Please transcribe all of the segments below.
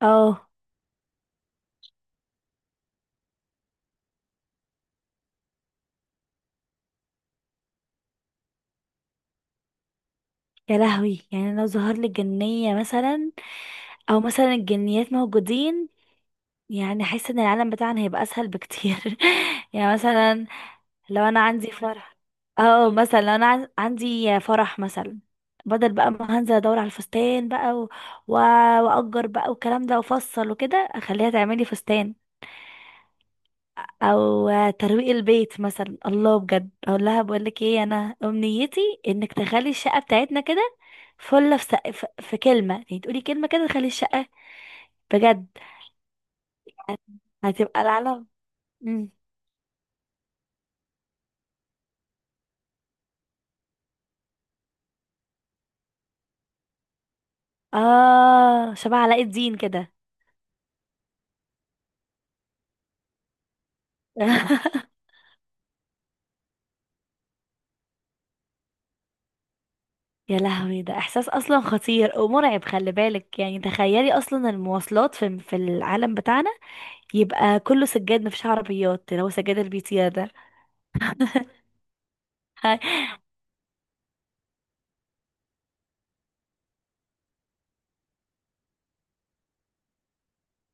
اه، يا لهوي، يعني لو ظهر لي جنية مثلا او مثلا الجنيات موجودين، يعني احس ان العالم بتاعنا هيبقى اسهل بكتير. يعني مثلا لو انا عندي فرح. اه مثلا لو انا عندي فرح مثلا، بدل بقى ما هنزل ادور على الفستان بقى و- واجر بقى والكلام ده وافصل وكده اخليها تعملي فستان، او ترويق البيت مثلا. الله، بجد اقول لها بقول لك ايه انا امنيتي؟ انك تخلي الشقه بتاعتنا كده. فله في كلمه، يعني تقولي كلمه كده تخلي الشقه. بجد هتبقى العالم. مم. اه، شبه علاء الدين كده. يا لهوي، ده احساس اصلا خطير ومرعب، خلي بالك. يعني تخيلي اصلا المواصلات في العالم بتاعنا، يبقى كله سجاد مفيش عربيات، اللي هو سجاد البيتيا ده.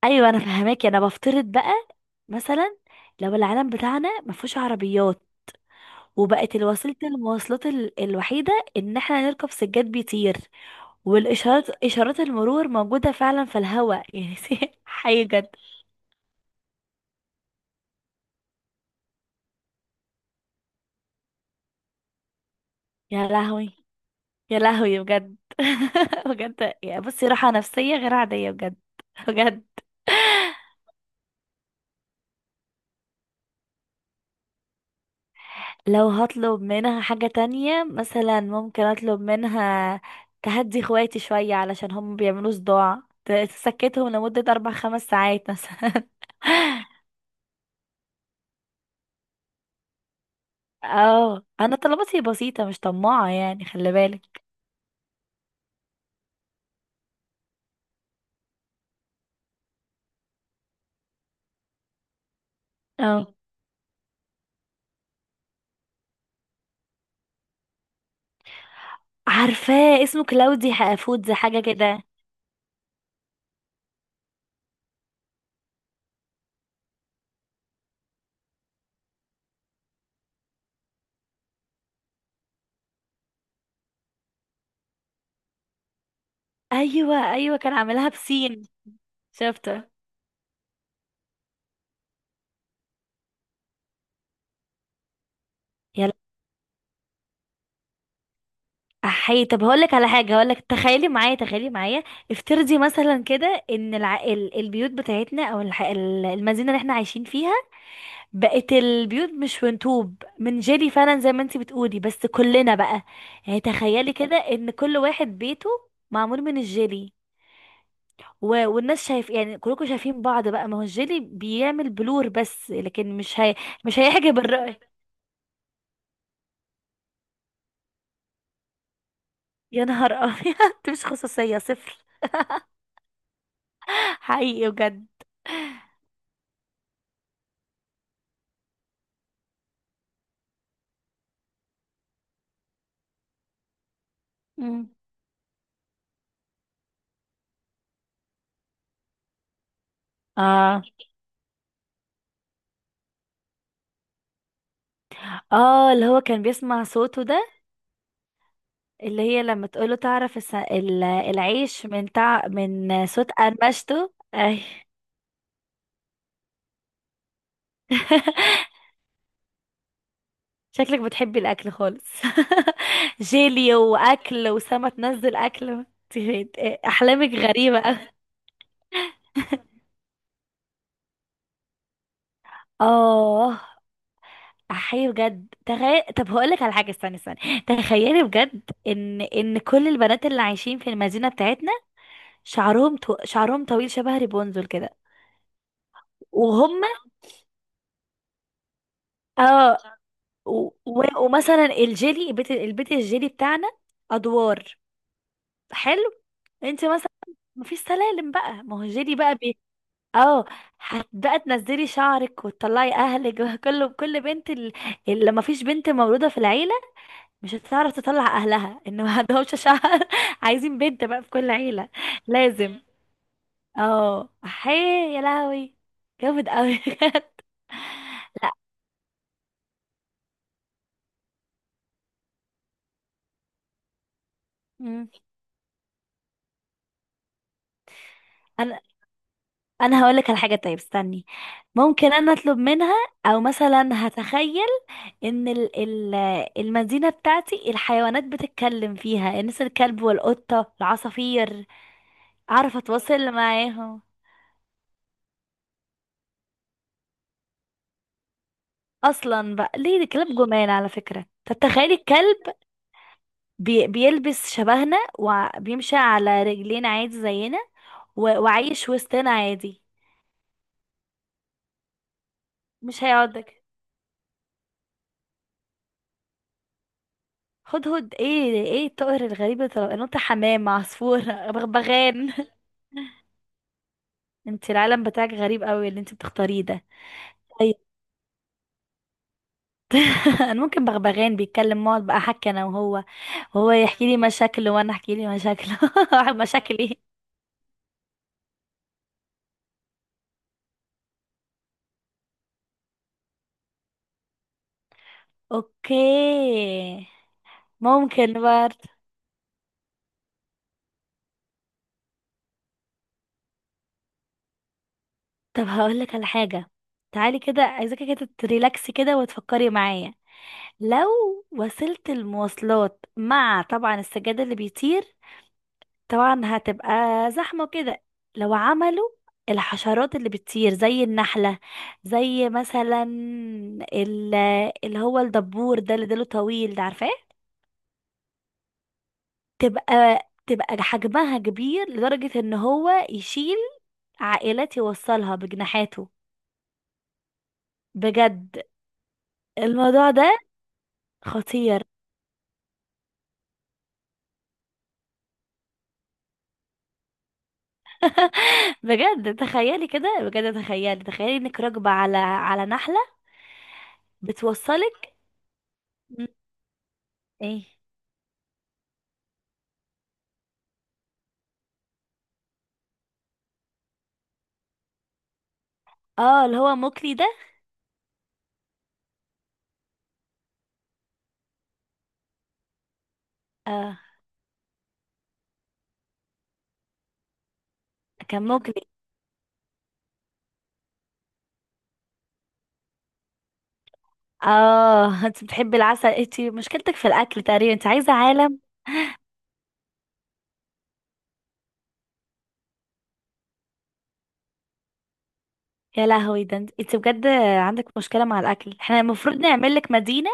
ايوه، انا فهماكي، انا بفترض بقى مثلا، لو العالم بتاعنا ما فيهوش عربيات وبقت الوسيله المواصلات الوحيده ان احنا نركب سجاد بيطير، اشارات المرور موجوده فعلا في الهواء يعني. حي جد. يا لهوي، يا لهوي بجد، بجد. يعني بصي، راحه نفسيه غير عاديه بجد، بجد. لو هطلب منها حاجة تانية مثلا، ممكن اطلب منها تهدي اخواتي شوية علشان هم بيعملوا صداع، تسكتهم لمدة اربع خمس ساعات مثلا. اه، انا طلباتي بسيطة مش طماعة يعني، خلي بالك. اه، عارفاه، اسمه كلاودي فودز، حاجة كده. ايوه، ايوه، كان عاملها بسين. شفته. يلا احي، طب هقولك على حاجة، هقولك تخيلي معايا، تخيلي معايا. افترضي مثلا كده ان البيوت بتاعتنا او المدينة اللي احنا عايشين فيها، بقت البيوت مش فنطوب من جيلي فعلا زي ما انتي بتقولي، بس كلنا بقى. يعني تخيلي كده ان كل واحد بيته معمول من الجيلي، والناس شايف، يعني كلكم شايفين بعض بقى، ما هو الجيلي بيعمل بلور بس، لكن مش هيحجب الرأي. يا نهار ابيض. مش خصوصية صفر. حقيقي بجد. مم. اه، اه، اللي هو كان بيسمع صوته ده، اللي هي لما تقوله تعرف العيش من صوت قرمشته، اي. شكلك بتحبي الاكل خالص. جيلي واكل وسما تنزل اكل. احلامك غريبه أوي. اه، احيي بجد، تخيل، طب هقولك على حاجه، استني استني، تخيلي بجد، ان كل البنات اللي عايشين في المدينه بتاعتنا شعرهم طويل شبه ريبونزل كده، وهم اه و... و... ومثلا الجيلي البيت البيت الجيلي بتاعنا، ادوار، حلو. انت مثلا مفيش سلالم بقى، ما هو الجيلي بقى. اه، هتبقى تنزلي شعرك وتطلعي اهلك. كل بنت اللي ما فيش بنت مولوده في العيله مش هتعرف تطلع اهلها، ان ما عندهمش شعر. عايزين بنت بقى في كل عيله، لازم. اه حي، يا لهوي، جامد قوي. بجد. لا. مم. انا انا هقول لك على حاجه طيب، استني. ممكن انا اطلب منها، او مثلا هتخيل ان ال ال المدينة بتاعتي الحيوانات بتتكلم فيها، الناس الكلب والقطة العصافير، اعرف اتواصل معاهم. اصلا بقى ليه ده؟ كلاب جمال على فكرة. طب تخيلي الكلب بيلبس شبهنا وبيمشي على رجلين عادي زينا وعايش وسطنا عادي. مش هيقعدك؟ هدهد؟ ايه ايه الطائر الغريب ده؟ نوتة؟ حمام؟ عصفور؟ بغبغان؟ انت العالم بتاعك غريب قوي اللي انت بتختاريه ده. انا ممكن بغبغان بيتكلم، اقعد بقى احكي انا وهو يحكي لي مشاكله وانا احكي لي مشاكله. مشاكلي. اوكي، ممكن برضه. طب هقول لك على حاجه، تعالي كده، عايزاكي كده تريلاكسي كده وتفكري معايا. لو وسيله المواصلات مع طبعا السجاد اللي بيطير، طبعا هتبقى زحمة كده، لو عملوا الحشرات اللي بتطير زي النحلة، زي مثلا ال- اللي هو الدبور ده اللي ديله طويل ده عارفاه، تبقى تبقى حجمها كبير لدرجة ان هو يشيل عائلات، يوصلها بجناحاته، بجد. الموضوع ده خطير. بجد تخيلي كده، بجد تخيلي، تخيلي انك راكبة على نحلة بتوصلك. مم. ايه. اه، اللي هو موكلي ده. اه، كان ممكن. اه. انت بتحبي العسل، انت مشكلتك في الاكل تقريبا، انت عايزه عالم. يا لهوي، ده إنت بجد عندك مشكله مع الاكل، احنا المفروض نعمل لك مدينه.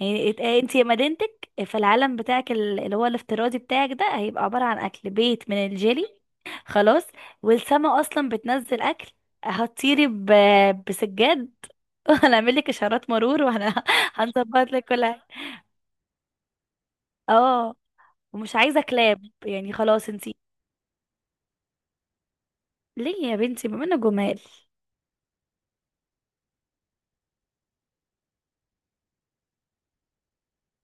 يعني انت مدينتك في العالم بتاعك اللي هو الافتراضي بتاعك ده، هيبقى عباره عن اكل، بيت من الجيلي خلاص، والسما اصلا بتنزل اكل، هتطيري بسجاد. وهنعمل لك اشارات مرور وهنظبط لك كل حاجه. اه، ومش عايزه كلاب يعني خلاص انت. ليه يا بنتي بما انه جمال؟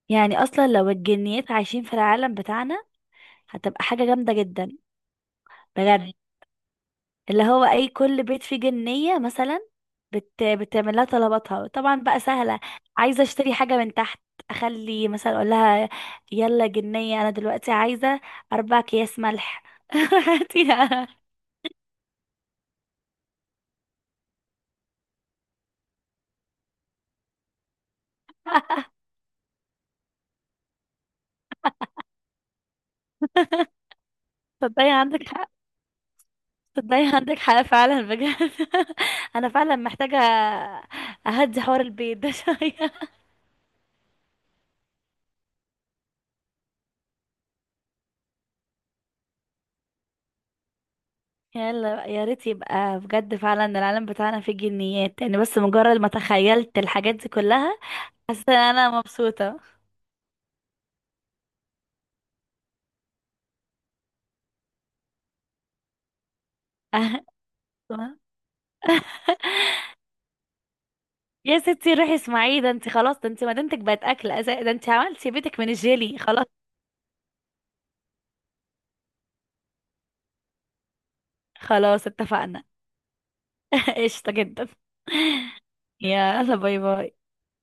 يعني اصلا لو الجنيات عايشين في العالم بتاعنا، هتبقى حاجة جامدة جدا بجد. اللي هو اي كل بيت فيه جنية مثلا، بتعمل لها طلباتها طبعا بقى سهلة. عايزة اشتري حاجة من تحت، اخلي مثلا اقول لها يلا جنية، انا دلوقتي عايزة اربع اكياس ملح. هاتي. تصدقي عندك حق، تصدقي عندك حق فعلا بجد. انا فعلا محتاجة اهدي حوار البيت ده شوية. يلا بقى، يا ريت يبقى بجد فعلا العالم بتاعنا فيه جنيات، يعني بس مجرد ما تخيلت الحاجات دي كلها حسيت ان انا مبسوطة. يا ستي، روحي اسمعي، ده انت خلاص، ده انت مدينتك بقت اكل، ده انت عملتي بيتك من الجيلي خلاص. خلاص اتفقنا. قشطة جدا. يلا باي باي.